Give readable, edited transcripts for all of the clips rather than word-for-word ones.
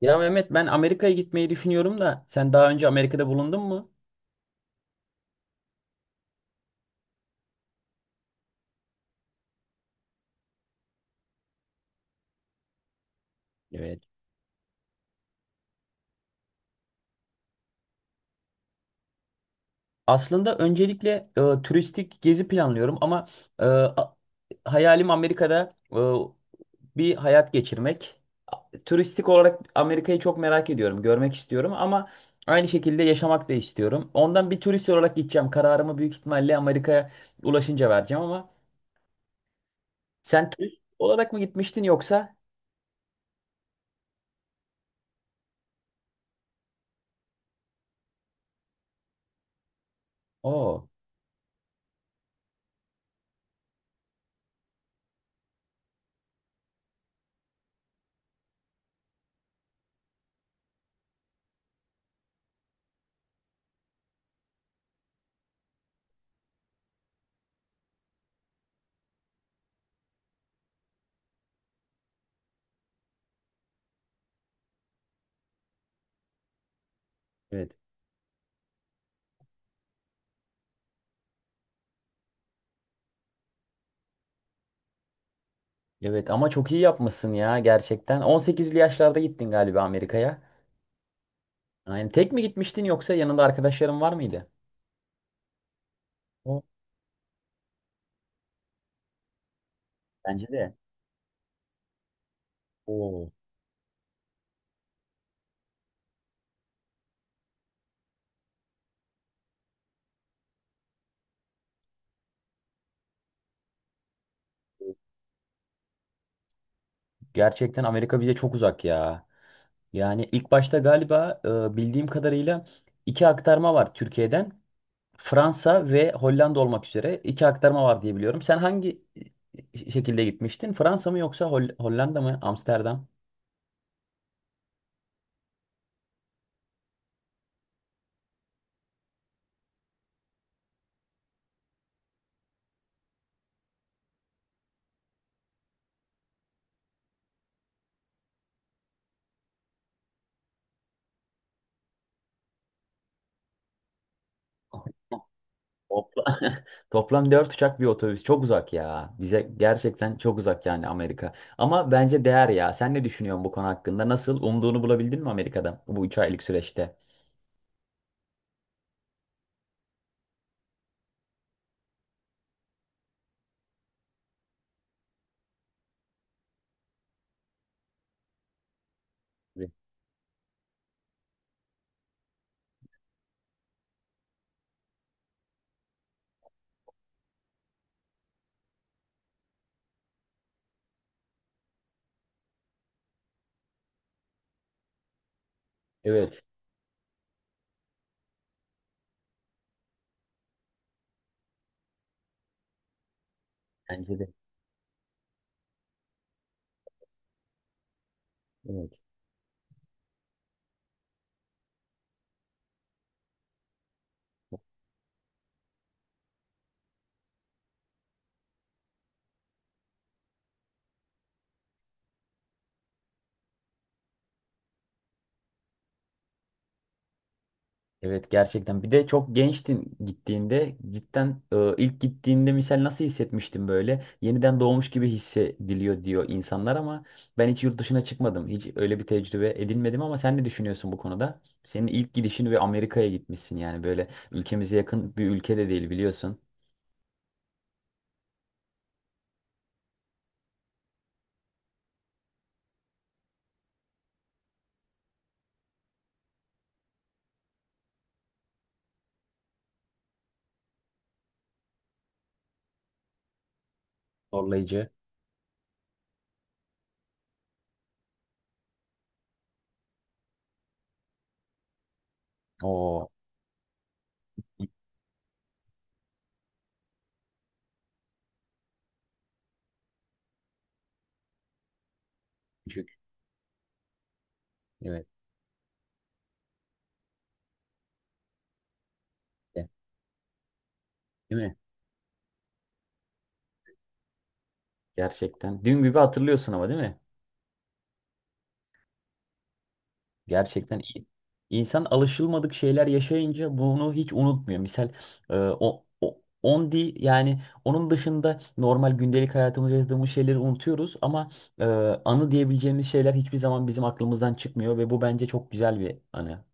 Ya Mehmet, ben Amerika'ya gitmeyi düşünüyorum da sen daha önce Amerika'da bulundun mu? Evet. Aslında öncelikle turistik gezi planlıyorum ama e, a- hayalim Amerika'da bir hayat geçirmek. Turistik olarak Amerika'yı çok merak ediyorum, görmek istiyorum ama aynı şekilde yaşamak da istiyorum. Ondan bir turist olarak gideceğim. Kararımı büyük ihtimalle Amerika'ya ulaşınca vereceğim ama sen turist olarak mı gitmiştin yoksa? Oo. Evet. Evet ama çok iyi yapmışsın ya gerçekten. 18'li yaşlarda gittin galiba Amerika'ya. Yani tek mi gitmiştin yoksa yanında arkadaşların var mıydı? O- Bence de. Oo. Gerçekten Amerika bize çok uzak ya. Yani ilk başta galiba bildiğim kadarıyla iki aktarma var Türkiye'den. Fransa ve Hollanda olmak üzere iki aktarma var diye biliyorum. Sen hangi şekilde gitmiştin? Fransa mı yoksa Hollanda mı? Amsterdam? Topla- Toplam 4 uçak, bir otobüs. Çok uzak ya. Bize gerçekten çok uzak yani Amerika. Ama bence değer ya. Sen ne düşünüyorsun bu konu hakkında? Nasıl? Umduğunu bulabildin mi Amerika'da bu 3 aylık süreçte? Evet. Evet. Bence de. Evet. Evet gerçekten. Bir de çok gençtin gittiğinde cidden ilk gittiğinde misal nasıl hissetmiştim böyle? Yeniden doğmuş gibi hissediliyor diyor insanlar ama ben hiç yurt dışına çıkmadım. Hiç öyle bir tecrübe edinmedim ama sen ne düşünüyorsun bu konuda? Senin ilk gidişin ve Amerika'ya gitmişsin, yani böyle ülkemize yakın bir ülke de değil biliyorsun. Zorlayıcı. Oo. Küçük. Evet. Değil mi? Gerçekten. Dün gibi hatırlıyorsun ama değil mi? Gerçekten iyi. İnsan alışılmadık şeyler yaşayınca bunu hiç unutmuyor. Misal e, o, o on di yani onun dışında normal gündelik hayatımızda yaşadığımız şeyleri unutuyoruz ama e, anı diyebileceğimiz şeyler hiçbir zaman bizim aklımızdan çıkmıyor ve bu bence çok güzel bir anı.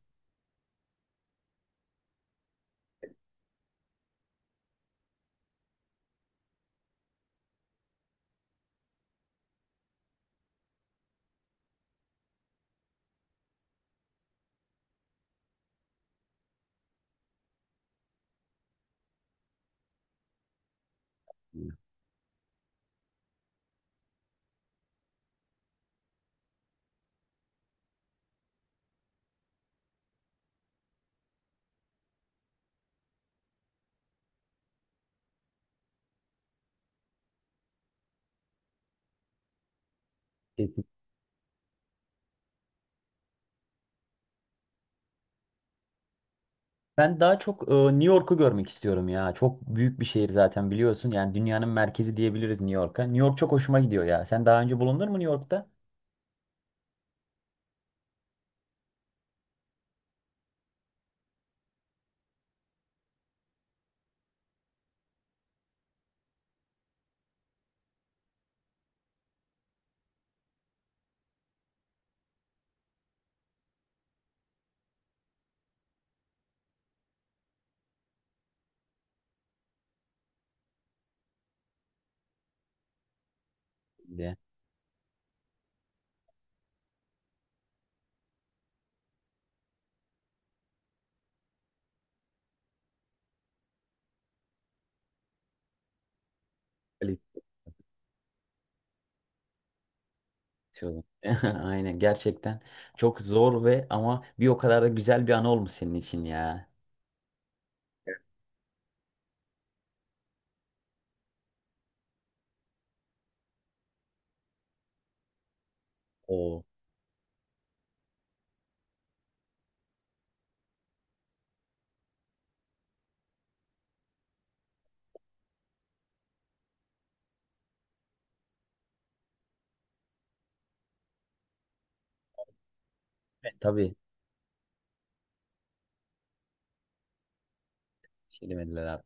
Kesin. Ben daha çok New York'u görmek istiyorum ya. Çok büyük bir şehir zaten biliyorsun. Yani dünyanın merkezi diyebiliriz New York'a. New York çok hoşuma gidiyor ya. Sen daha önce bulundun mu New York'ta? De. Tüyo. Aynen, gerçekten çok zor ve ama bir o kadar da güzel bir an olmuş senin için ya. O tabii. Şey demediler abi.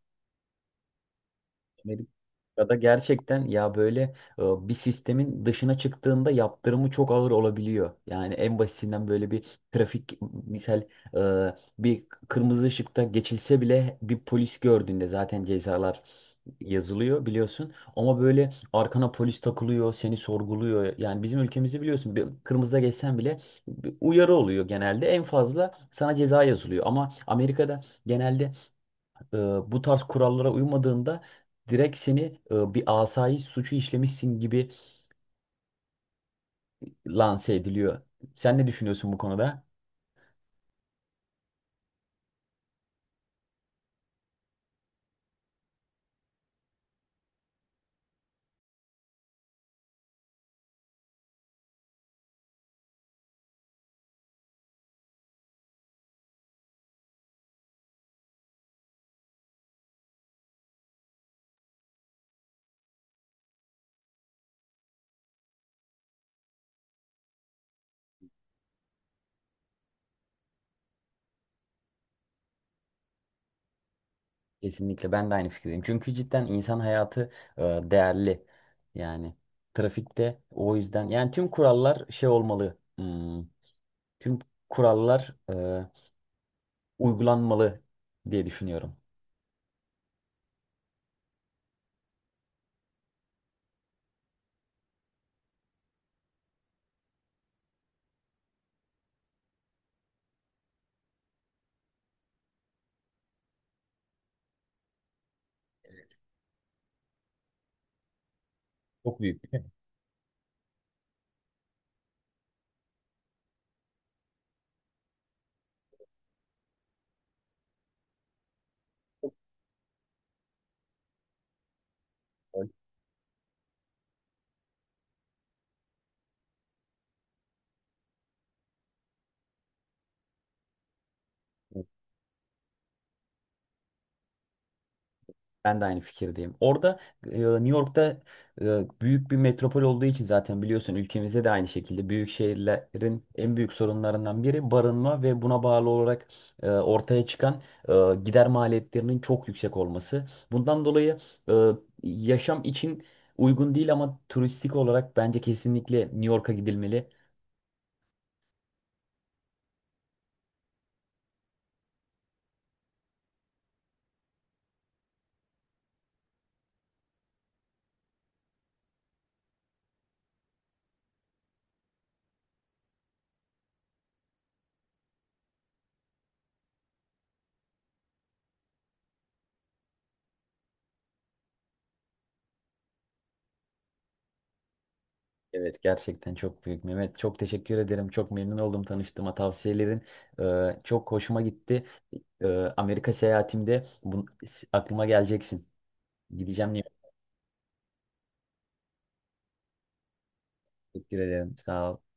Ya da gerçekten ya, böyle e, bir sistemin dışına çıktığında yaptırımı çok ağır olabiliyor. Yani en basitinden böyle bir trafik misal bir kırmızı ışıkta geçilse bile bir polis gördüğünde zaten cezalar yazılıyor biliyorsun. Ama böyle arkana polis takılıyor, seni sorguluyor. Yani bizim ülkemizde biliyorsun bir kırmızıda geçsen bile bir uyarı oluyor genelde. En fazla sana ceza yazılıyor. Ama Amerika'da genelde e, bu tarz kurallara uymadığında direkt seni bir asayiş suçu işlemişsin gibi lanse ediliyor. Sen ne düşünüyorsun bu konuda? Kesinlikle ben de aynı fikirdeyim. Çünkü cidden insan hayatı değerli. Yani trafikte, o yüzden yani tüm kurallar şey olmalı. Tüm kurallar uygulanmalı diye düşünüyorum. Ben de aynı fikirdeyim. Orada New York'ta büyük bir metropol olduğu için zaten biliyorsun, ülkemizde de aynı şekilde büyük şehirlerin en büyük sorunlarından biri barınma ve buna bağlı olarak ortaya çıkan e, gider maliyetlerinin çok yüksek olması. Bundan dolayı e, yaşam için uygun değil ama turistik olarak bence kesinlikle New York'a gidilmeli. Evet gerçekten çok büyük Mehmet. Çok teşekkür ederim. Çok memnun oldum tanıştığıma. Tavsiyelerin çok hoşuma gitti. E, Amerika seyahatimde aklıma geleceksin. Gideceğim diye teşekkür ederim. Sağ ol.